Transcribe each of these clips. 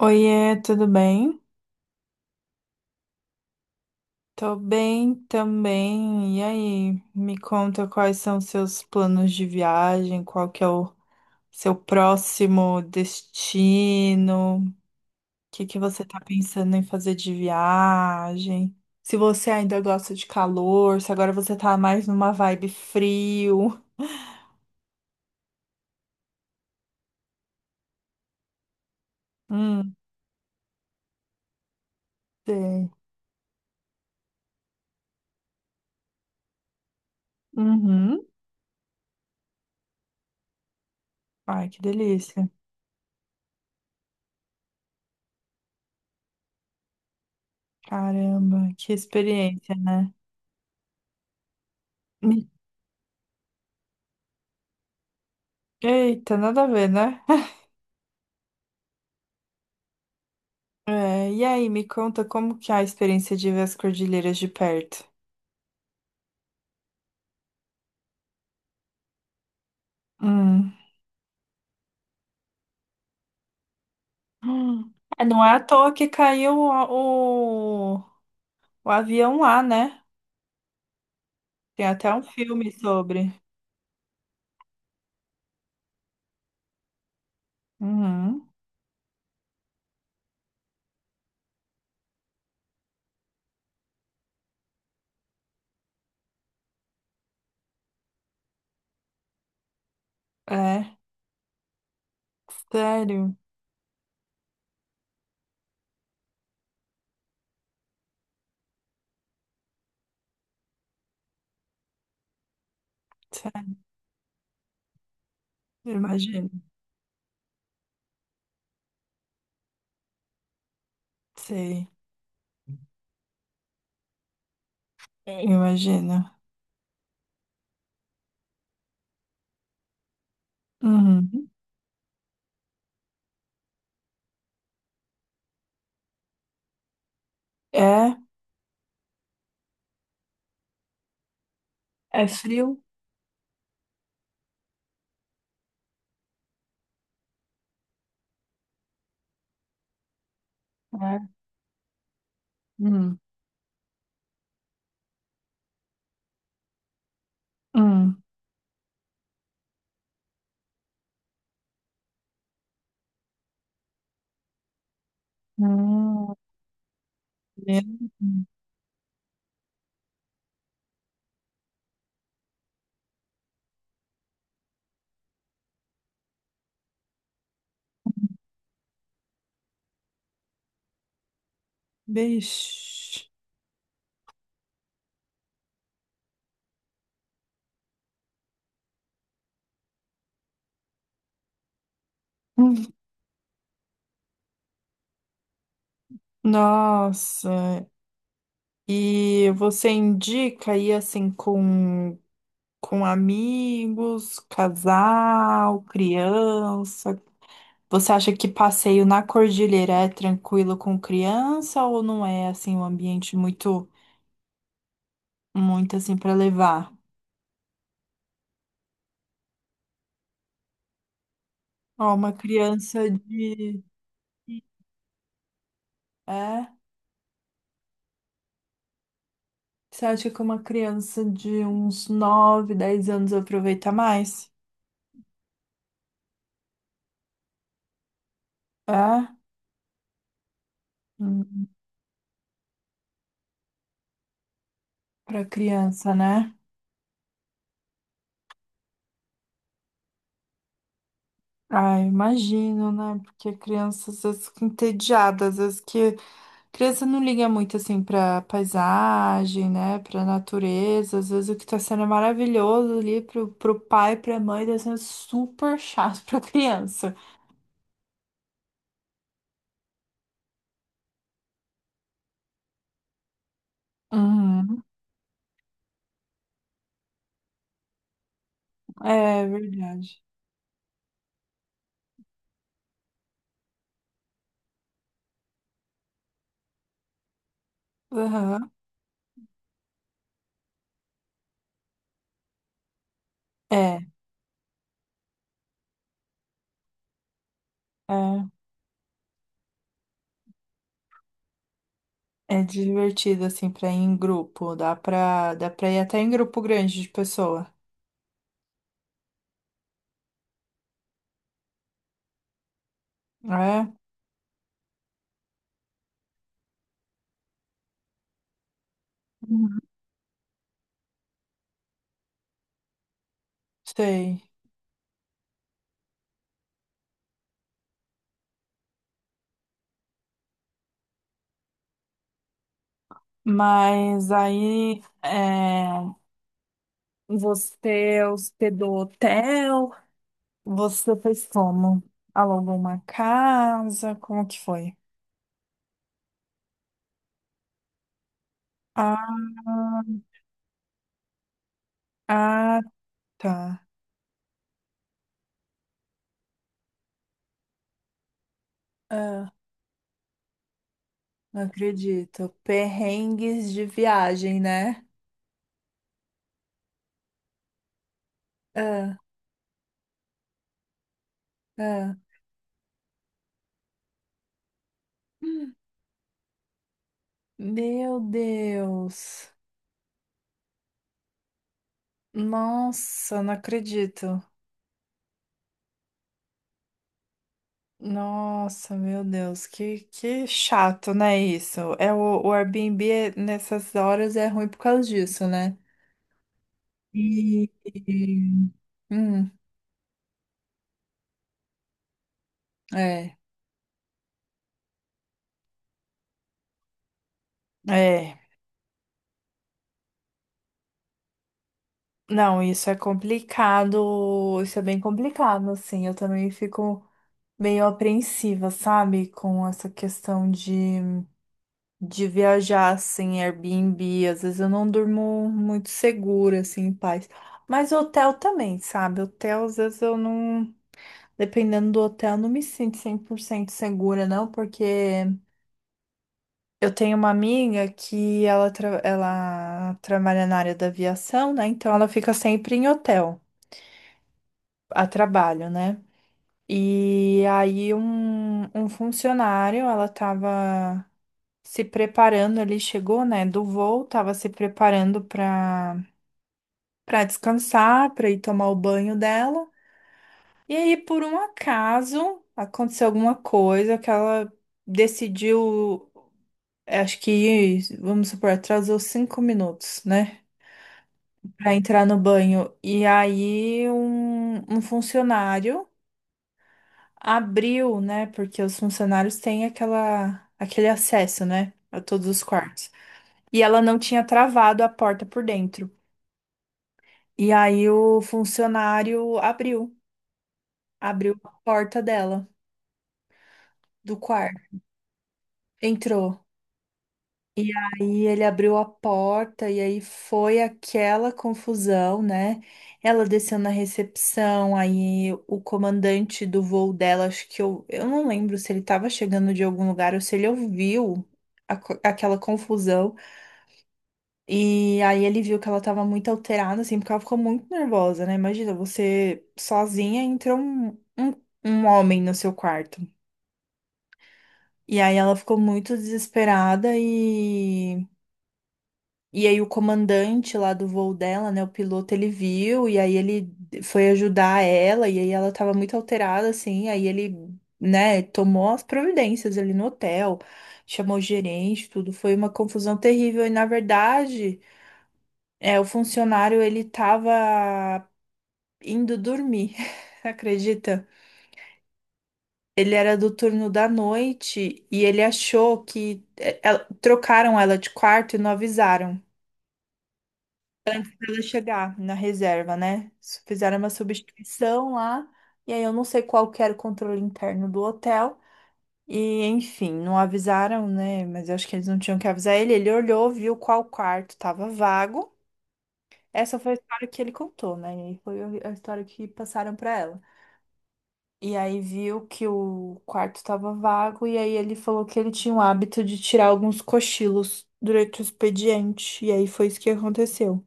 Oiê, tudo bem? Tô bem também. E aí, me conta quais são seus planos de viagem, qual que é o seu próximo destino, o que que você tá pensando em fazer de viagem? Se você ainda gosta de calor, se agora você tá mais numa vibe frio. Hum, sei. Uhum. Ai, que delícia. Caramba, que experiência, né? Me- Eita, nada a ver, né? É, e aí, me conta como que é a experiência de ver as cordilheiras de perto? Hum. Hum. É, não é à toa que caiu o avião lá, né? Tem até um filme sobre. Uhum. É, sério, sério, imagino. Sei, imagino. Uhum. É, é frio? É. Hum. Hum. Hum. Meu Deus. Bicho. Hum. Nossa. E você indica aí assim com amigos, casal, criança? Você acha que passeio na cordilheira é tranquilo com criança ou não é assim um ambiente muito muito assim para levar? Ó, uma criança de é? Você acha que uma criança de uns 9, 10 anos aproveita mais? É? Para criança, né? Ah, imagino, né? Porque crianças às vezes fica entediada, às vezes que criança não liga muito assim pra paisagem, né? Pra natureza, às vezes o que tá sendo é maravilhoso ali pro, pai, pra mãe, tá sendo super chato pra criança. Uhum. É verdade. Aham. É, é. É divertido assim pra ir em grupo, dá pra ir até em grupo grande de pessoa, né? Uhum. Sei. Mas aí. É... Você hospedou hotel? Você fez como? Alugou uma casa? Como que foi? Ah, ah, tá. Ah, não acredito. Perrengues de viagem, né? Ah, ah. Meu Deus. Nossa, não acredito. Nossa, meu Deus, que chato, né, isso? É o Airbnb é- nessas horas é ruim por causa disso, né? E, hum, é, é. Não, isso é complicado, isso é bem complicado, assim. Eu também fico meio apreensiva, sabe? Com essa questão de, viajar, assim, Airbnb. Às vezes eu não durmo muito segura, assim, em paz. Mas hotel também, sabe? Hotel, às vezes eu não. Dependendo do hotel, eu não me sinto 100% segura, não, porque. Eu tenho uma amiga que ela, tra- ela trabalha na área da aviação, né? Então ela fica sempre em hotel, a trabalho, né? E aí um, funcionário, ela tava se preparando, ele chegou, né, do voo, tava se preparando para descansar, para ir tomar o banho dela. E aí por um acaso aconteceu alguma coisa que ela decidiu, acho que, vamos supor, atrasou 5 minutos, né? Para entrar no banho. E aí um funcionário abriu, né? Porque os funcionários têm aquela, aquele acesso, né? A todos os quartos. E ela não tinha travado a porta por dentro. E aí o funcionário abriu, abriu a porta dela do quarto. Entrou. E aí ele abriu a porta e aí foi aquela confusão, né? Ela desceu na recepção, aí o comandante do voo dela, acho que eu, não lembro se ele estava chegando de algum lugar ou se ele ouviu aquela confusão. E aí ele viu que ela estava muito alterada, assim, porque ela ficou muito nervosa, né? Imagina, você sozinha entra um, um homem no seu quarto. E aí ela ficou muito desesperada E aí o comandante lá do voo dela, né, o piloto, ele viu e aí ele foi ajudar ela e aí ela tava muito alterada assim, aí ele, né, tomou as providências ali no hotel, chamou o gerente, tudo foi uma confusão terrível e na verdade, é, o funcionário ele tava indo dormir. Acredita? Ele era do turno da noite e ele achou que é, ela- trocaram ela de quarto e não avisaram. Precisa chegar na reserva, né? S- Fizeram uma substituição lá, e aí eu não sei qual que era o controle interno do hotel. E, enfim, não avisaram, né? Mas eu acho que eles não tinham que avisar ele. Ele olhou, viu qual quarto estava vago. Essa foi a história que ele contou, né? E aí foi a história que passaram para ela. E aí viu que o quarto estava vago, e aí ele falou que ele tinha o hábito de tirar alguns cochilos durante o expediente. E aí foi isso que aconteceu.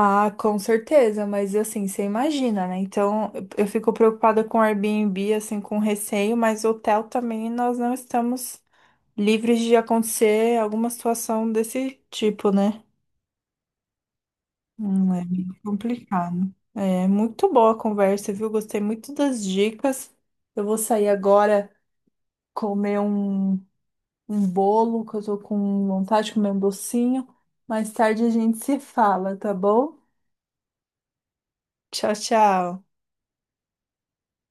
Ah, com certeza, mas assim, você imagina, né? Então, eu fico preocupada com o Airbnb, assim, com receio, mas hotel também nós não estamos livres de acontecer alguma situação desse tipo, né? É meio complicado. É muito boa a conversa, viu? Gostei muito das dicas. Eu vou sair agora comer um, bolo, que eu tô com vontade de comer um docinho. Mais tarde a gente se fala, tá bom? Tchau, tchau.